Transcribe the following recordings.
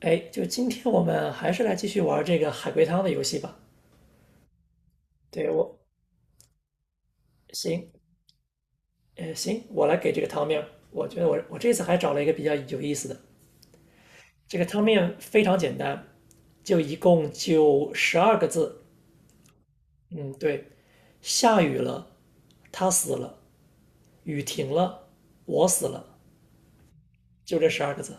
哎，就今天我们还是来继续玩这个海龟汤的游戏吧。对，我，行。行，我来给这个汤面。我觉得我这次还找了一个比较有意思的，这个汤面非常简单，就一共就十二个字。嗯，对，下雨了，他死了；雨停了，我死了，就这十二个字。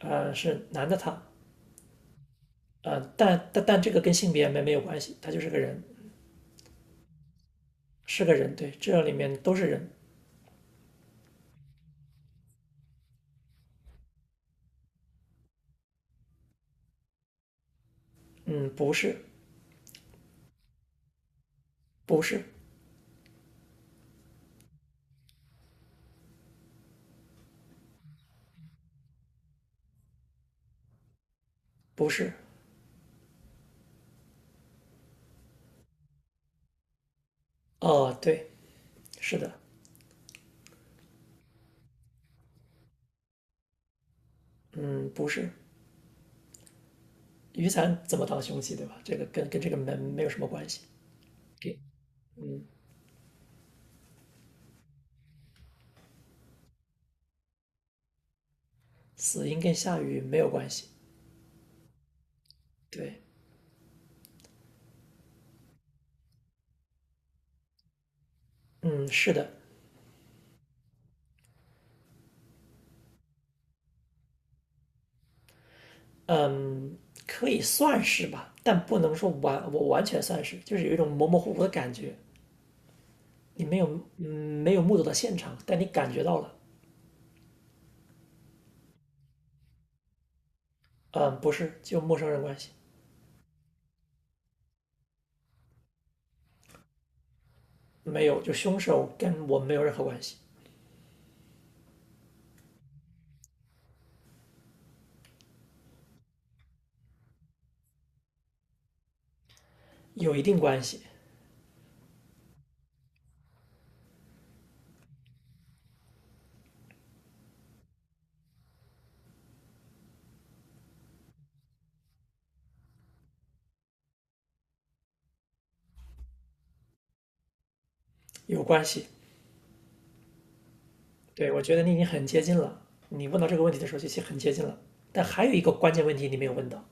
呃，是男的他。但这个跟性别没有关系，他就是个人，是个人。对，这里面都是人。嗯，不是。不是。不是。哦，对，是的。嗯，不是，雨伞怎么当凶器，对吧？这个跟这个门没有什么关系。给。死因跟下雨没有关系。对。嗯，是的。嗯，可以算是吧，但不能说完，我完全算是，就是有一种模模糊糊的感觉。你没有，嗯，没有目睹到现场，但你感觉到了。嗯，不是，就陌生人关系。没有，就凶手跟我没有任何关系。有一定关系。有关系。对，我觉得你已经很接近了。你问到这个问题的时候，就已经很接近了。但还有一个关键问题你没有问到，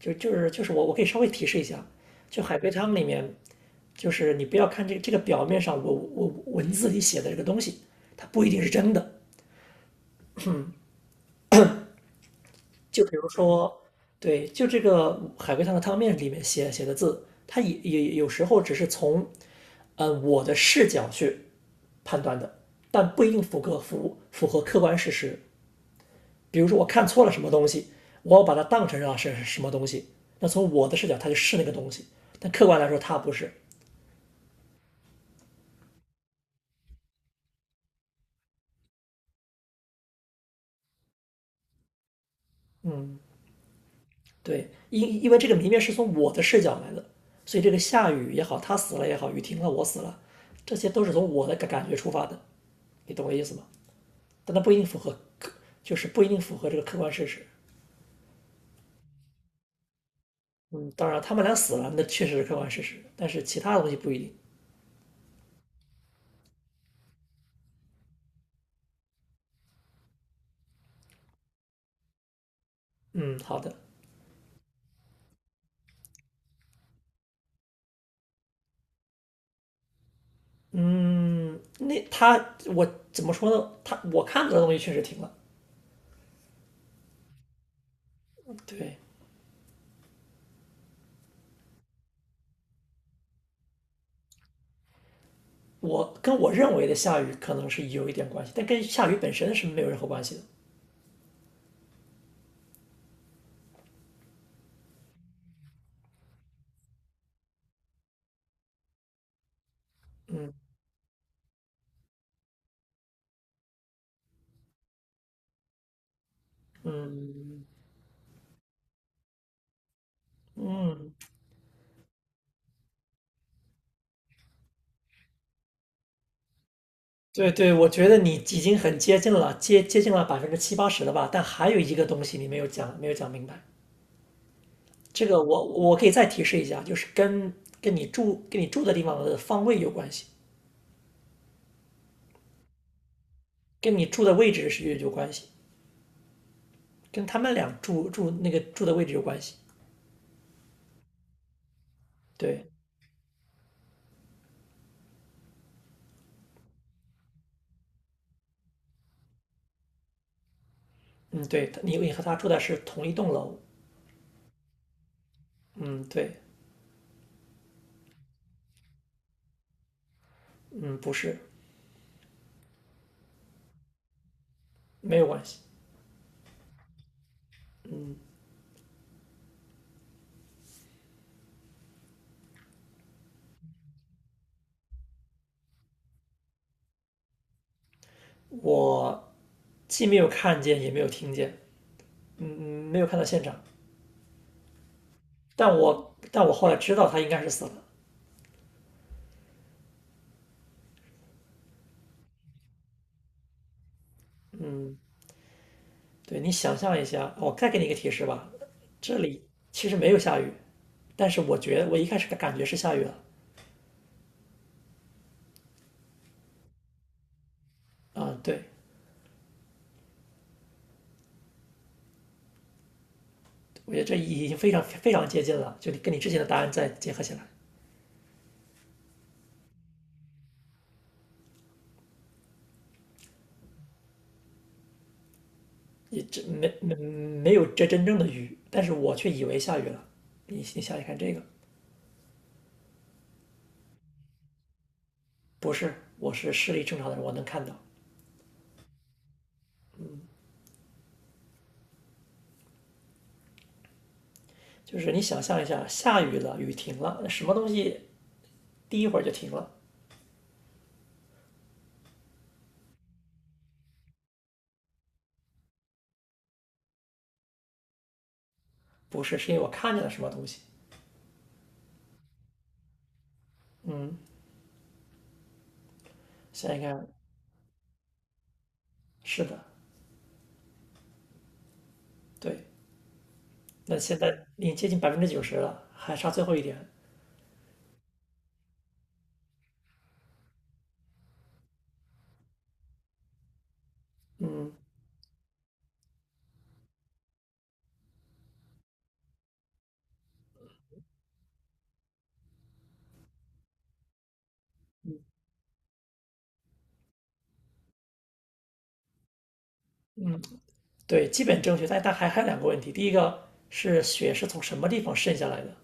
就是我可以稍微提示一下，就海龟汤里面，就是你不要看这个表面上我文字里写的这个东西，它不一定是真的。就比如说，对，就这个海龟汤的汤面里面写的字，它也有时候只是从嗯我的视角去判断的，但不一定符合客观事实。比如说我看错了什么东西，我把它当成是什么东西，那从我的视角它就是那个东西，但客观来说它不是。嗯，对，因为这个谜面是从我的视角来的，所以这个下雨也好，他死了也好，雨停了我死了，这些都是从我的感觉出发的，你懂我意思吗？但它不一定符合，就是不一定符合这个客观事实。嗯，当然他们俩死了，那确实是客观事实，但是其他的东西不一定。嗯，好的。嗯，那他我怎么说呢？他我看到的东西确实停了。对，我跟我认为的下雨可能是有一点关系，但跟下雨本身是没有任何关系的。嗯嗯，对对，我觉得你已经很接近了，接近了70%到80%了吧？但还有一个东西你没有讲，没有讲明白。这个我可以再提示一下，就是跟你住的地方的方位有关系，跟你住的位置是有关系，跟他们俩住住那个住的位置有关系。对。嗯，对，你和他住的是同一栋楼。嗯，对。嗯，不是。没有关系。我既没有看见，也没有听见，嗯，嗯没有看到现场。但我后来知道他应该是死了。对，你想象一下，我再给你一个提示吧，这里其实没有下雨，但是我觉得我一开始的感觉是下雨了。啊、对，我觉得这已经非常非常接近了，就你跟你之前的答案再结合起来，也这没有这真正的雨，但是我却以为下雨了。你想想看这个。不是，我是视力正常的人，我能看到。就是你想象一下，下雨了，雨停了，那什么东西第一会儿就停了？不是，是因为我看见了什么东西。想在看，是的，对。那现在已经接近90%了，还差最后一点。嗯，对，基本正确，但还有两个问题。第一个是雪是从什么地方渗下来的？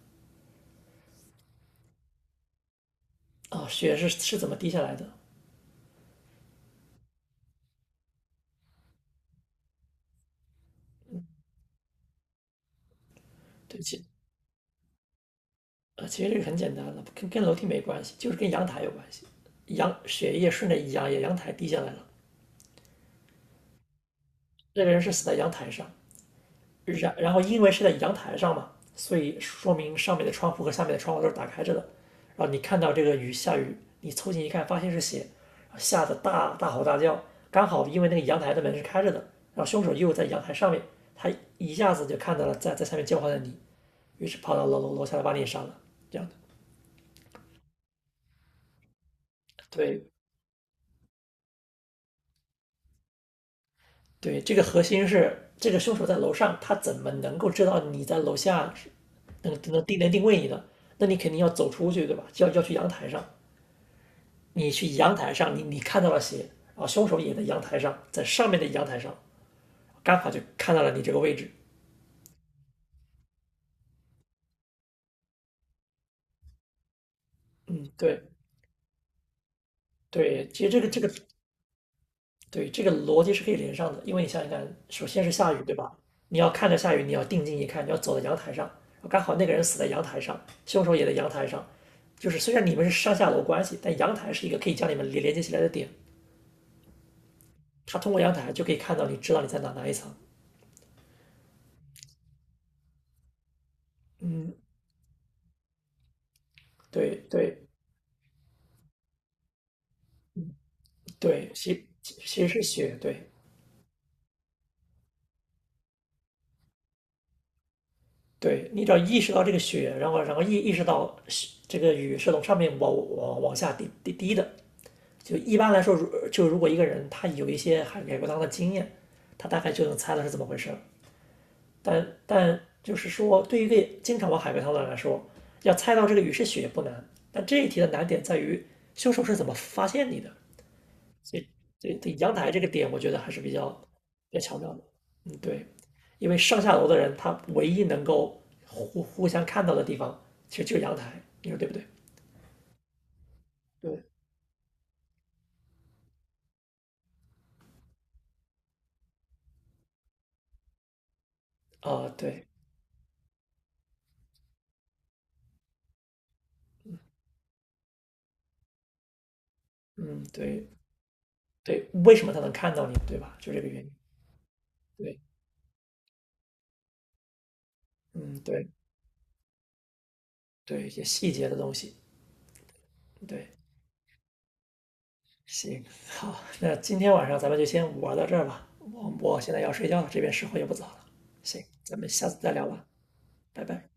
啊，雪是怎么滴下来的？对，不起，呃其实这个很简单的，跟楼梯没关系，就是跟阳台有关系。血液顺着阳台滴下来了，那个人是死在阳台上，然后因为是在阳台上嘛，所以说明上面的窗户和下面的窗户都是打开着的。然后你看到这个雨下雨，你凑近一看，发现是血，吓得大吼大叫。刚好因为那个阳台的门是开着的，然后凶手又在阳台上面，他一下子就看到了在下面叫唤的你，于是跑到楼下来把你也杀了。这样的。对对，这个核心是这个凶手在楼上，他怎么能够知道你在楼下，是能定位你的？那你肯定要走出去，对吧？就要去阳台上，你去阳台上，你看到了血，然后凶手也在阳台上，在上面的阳台上，刚好就看到了你这个位置。嗯，对对，其实这个对，这个逻辑是可以连上的，因为你想想看，首先是下雨，对吧？你要看着下雨，你要定睛一看，你要走到阳台上，哦，刚好那个人死在阳台上，凶手也在阳台上，就是虽然你们是上下楼关系，但阳台是一个可以将你们连接起来的点，他通过阳台就可以看到你，知道你在哪一层。嗯，对对对，其实是血，对对，你只要意识到这个雪，然后意识到是这个雨是从上面往下滴的，就一般来说，如果一个人他有一些海龟汤的经验，他大概就能猜到是怎么回事儿。但就是说，对于一个经常玩海龟汤的人来说，要猜到这个雨是雪不难，但这一题的难点在于凶手是怎么发现你的。对对，阳台这个点我觉得还是比较巧妙的。嗯，对，因为上下楼的人他唯一能够互相看到的地方，其实就是阳台，你说对不对？对，啊，对，嗯，对对，为什么他能看到你，对吧？就这个原因。对，嗯，对对，一些细节的东西。对，行，好，那今天晚上咱们就先玩到这儿吧。我现在要睡觉了，这边时候也不早了。行，咱们下次再聊吧，拜拜。